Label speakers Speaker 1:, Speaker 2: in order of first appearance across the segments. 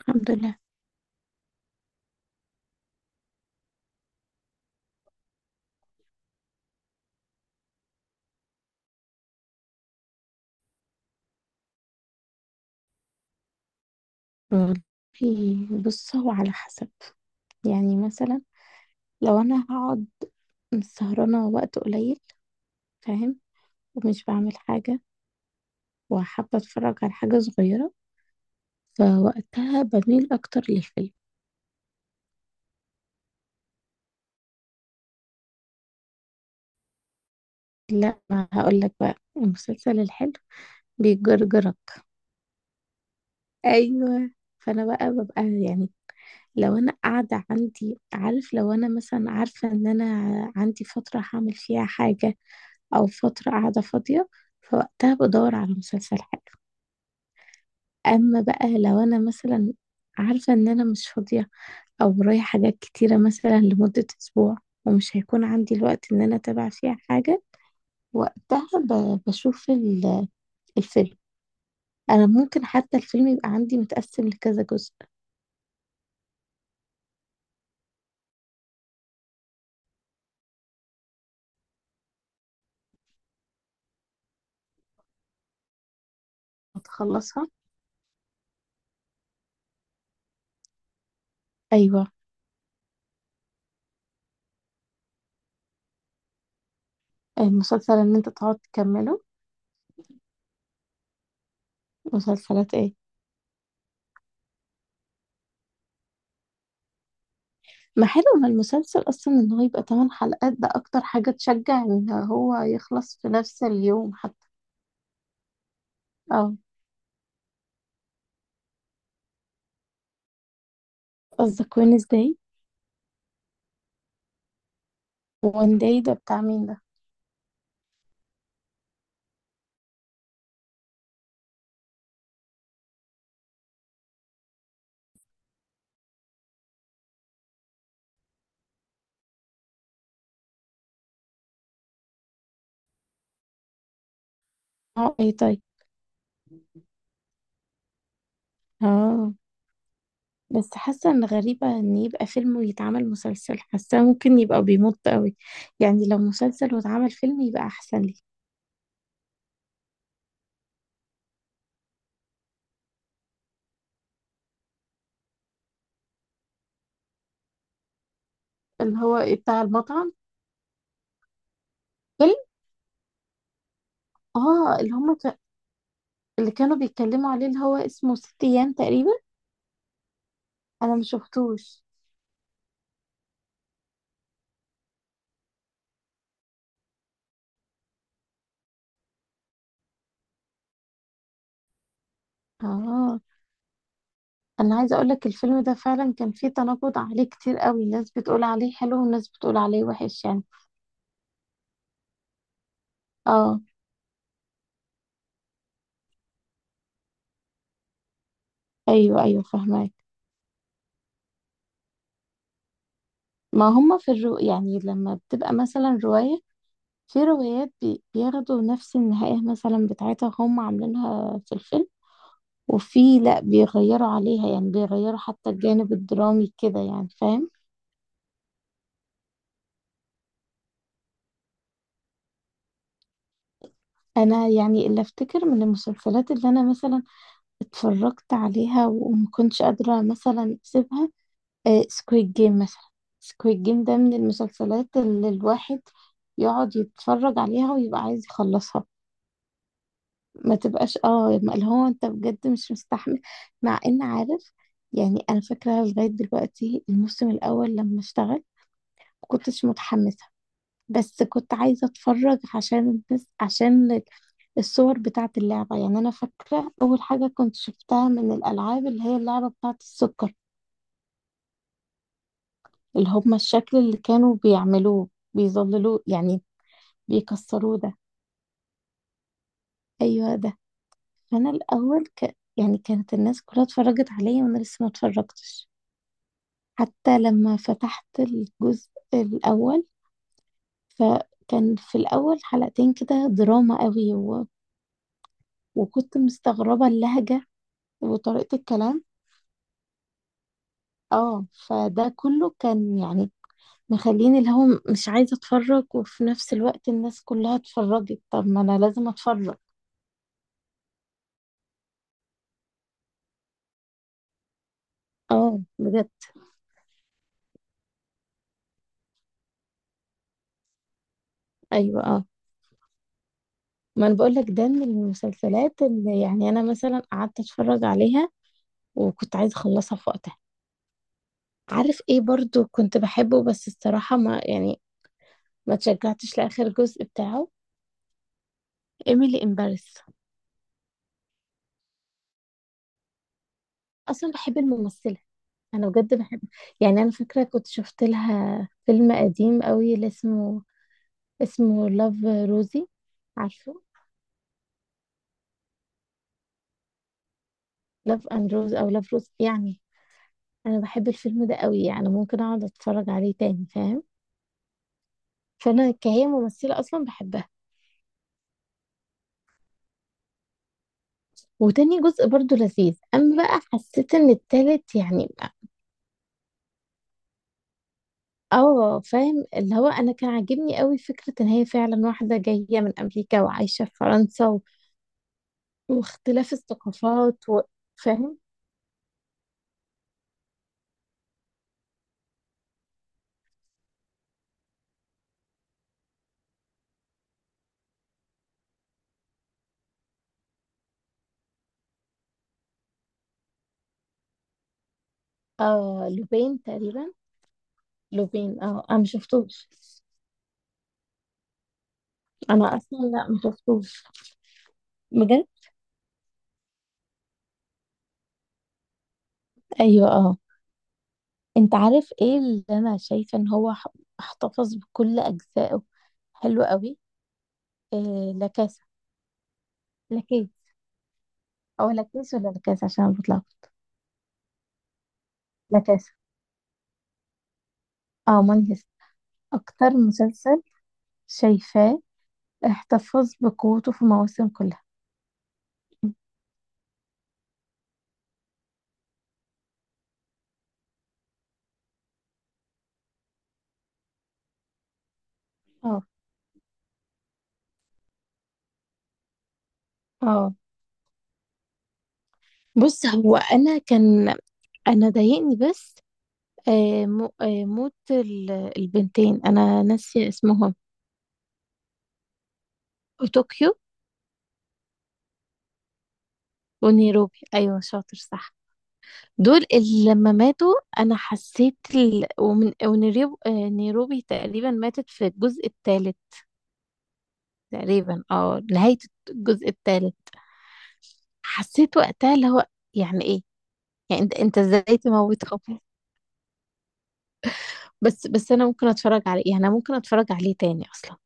Speaker 1: الحمد لله. والله بص، هو على حسب. يعني مثلا، لو انا هقعد سهرانه وقت قليل، فاهم، ومش بعمل حاجه وحابه اتفرج على حاجه صغيره، فوقتها بميل اكتر للفيلم. لا، ما هقول لك بقى، المسلسل الحلو بيجرجرك. ايوه. فانا بقى ببقى، يعني لو انا قاعده عندي، عارف، لو انا مثلا عارفه ان انا عندي فتره هعمل فيها حاجه او فتره قاعده فاضيه، فوقتها بدور على مسلسل حلو. اما بقى لو انا مثلا عارفه ان انا مش فاضيه او ورايا حاجات كتيره مثلا لمده اسبوع ومش هيكون عندي الوقت ان انا اتابع فيها حاجه، وقتها بشوف الفيلم. انا ممكن حتى الفيلم يبقى عندي متقسم لكذا جزء. اتخلصها. ايوه، المسلسل ان انت تقعد تكمله. مسلسلات ايه؟ ما حلو، ما المسلسل اصلا ان هو يبقى 8 حلقات، ده اكتر حاجة تشجع ان هو يخلص في نفس اليوم حتى. اه. قصدك وينزداي؟ وان داي ده بتاع مين ده؟ اه، اي طيب. اه. بس حاسة ان غريبة ان يبقى فيلم ويتعمل مسلسل، حاسة ممكن يبقى بيمط قوي. يعني لو مسلسل واتعمل فيلم يبقى احسن لي. اللي هو ايه، بتاع المطعم؟ فيلم. اه. اللي هم اللي كانوا بيتكلموا عليه، اللي هو اسمه ست ايام تقريبا. انا ما شفتوش. اه. انا عايزه اقول لك الفيلم ده فعلا كان فيه تناقض عليه كتير قوي، ناس بتقول عليه حلو وناس بتقول عليه وحش يعني. اه، ايوه ايوه، فهمك. ما هم في الرو، يعني لما بتبقى مثلا روايه، في روايات بياخدوا نفس النهايه مثلا بتاعتها، هم عاملينها في الفيلم. وفي لا، بيغيروا عليها، يعني بيغيروا حتى الجانب الدرامي كده، يعني فاهم. انا يعني اللي افتكر من المسلسلات اللي انا مثلا اتفرجت عليها وما كنتش قادره مثلا اسيبها، سكويد جيم مثلا. سكويد جيم ده من المسلسلات اللي الواحد يقعد يتفرج عليها ويبقى عايز يخلصها. ما تبقاش، اه، اللي هو انت بجد مش مستحمل، مع ان عارف. يعني انا فاكره لغايه دلوقتي الموسم الاول لما اشتغل، ما كنتش متحمسه، بس كنت عايزه اتفرج عشان الناس، عشان الصور بتاعه اللعبه. يعني انا فاكره اول حاجه كنت شفتها من الالعاب اللي هي اللعبه بتاعه السكر، اللي هم الشكل اللي كانوا بيعملوه، بيظللوه يعني، بيكسروه ده. ايوه ده. فانا الاول يعني كانت الناس كلها اتفرجت عليا وانا لسه ما اتفرجتش. حتى لما فتحت الجزء الاول، فكان في الاول حلقتين كده دراما قوي، و... وكنت مستغربة اللهجة وطريقة الكلام. اه، فده كله كان يعني مخليني اللي هو مش عايزة اتفرج، وفي نفس الوقت الناس كلها اتفرجت، طب ما انا لازم اتفرج. اه بجد. ايوه، اه، ما انا بقول لك، ده من المسلسلات اللي يعني انا مثلا قعدت اتفرج عليها وكنت عايزه اخلصها في وقتها. عارف ايه، برضو كنت بحبه، بس الصراحه ما، يعني ما تشجعتش لاخر جزء بتاعه. ايميلي ان باريس. اصلا بحب الممثله، انا بجد بحب. يعني انا فاكره كنت شفت لها فيلم قديم قوي، اللي اسمه لاف روزي. عارفه، لاف اند روز او لاف روز يعني. انا بحب الفيلم ده قوي، يعني ممكن اقعد اتفرج عليه تاني، فاهم. فانا كهي ممثله اصلا بحبها. وتاني جزء برضو لذيذ، اما بقى حسيت ان التالت يعني. اه، فاهم. اللي هو انا كان عاجبني قوي فكره ان هي فعلا واحده جايه من امريكا وعايشه في فرنسا و... واختلاف الثقافات و... فاهم. اه، لوبين تقريبا. لوبين، اه، انا ما شفتوش. انا اصلا لا، ما شفتوش. بجد. ايوه اه. انت عارف ايه اللي انا شايفه ان هو احتفظ بكل اجزائه، حلو قوي. إيه، لا كاسا. لكي، او لا كيس، ولا لا كاس، عشان بطلع. لا كاس. اه، ماني هيست. اكتر مسلسل شايفاه احتفظ بقوته في المواسم كلها. اه، اه. بص، هو انا كان، انا ضايقني بس موت البنتين، انا ناسيه اسمهم. طوكيو ونيروبي، ايوه، شاطر، صح. دول اللي لما ماتوا انا حسيت ومن ونيروبي آه، نيروبي تقريبا ماتت في الجزء الثالث، تقريبا اه نهاية الجزء الثالث. حسيت وقتها اللي هو يعني ايه، يعني انت ازاي تموت حب؟ بس انا ممكن اتفرج عليه، يعني انا ممكن اتفرج عليه تاني اصلا.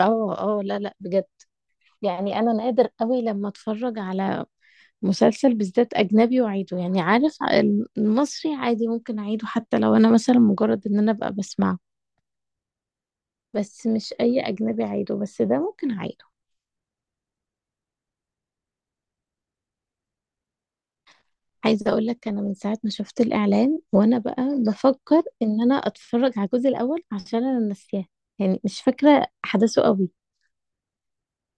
Speaker 1: اه اه، لا لا، بجد. يعني انا نادر قوي لما اتفرج على مسلسل بالذات اجنبي واعيده، يعني عارف، المصري عادي ممكن اعيده، حتى لو انا مثلا مجرد ان انا ابقى بسمعه. بس مش اي اجنبي اعيده، بس ده ممكن اعيده. عايزة اقول لك، انا من ساعة ما شفت الاعلان وانا بقى بفكر ان انا اتفرج على الجزء الاول عشان انا ناسياه، يعني مش فاكرة احداثه قوي.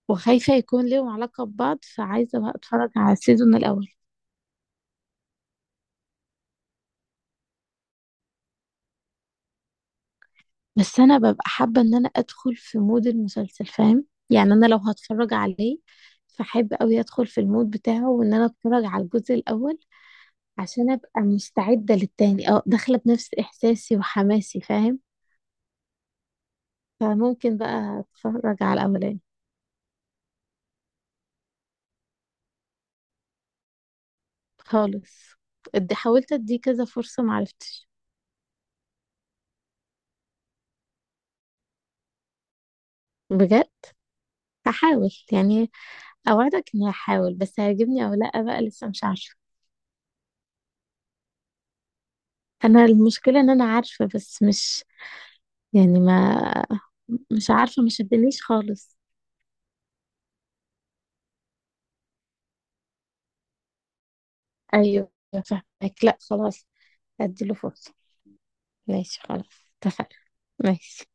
Speaker 1: وخايفة يكون ليهم علاقة ببعض، فعايزة بقى اتفرج على السيزون الاول. بس انا ببقى حابة ان انا ادخل في مود المسلسل، فاهم، يعني انا لو هتفرج عليه، فحب قوي ادخل في المود بتاعه، وان انا اتفرج على الجزء الاول، عشان ابقى مستعدة للتاني، اه، داخلة بنفس احساسي وحماسي، فاهم. فممكن بقى اتفرج على الاولاني. خالص. ادي حاولت اديه كذا فرصة، معرفتش. بجد، هحاول يعني. اوعدك اني هحاول، بس هيعجبني او لا، بقى لسه مش عارفة. انا المشكلة ان انا عارفة، بس مش، يعني ما، مش عارفة، ما شدنيش خالص. ايوه فاهمك، لا خلاص. اديله فرصة، ماشي، خلاص. اتفقنا. ماشي.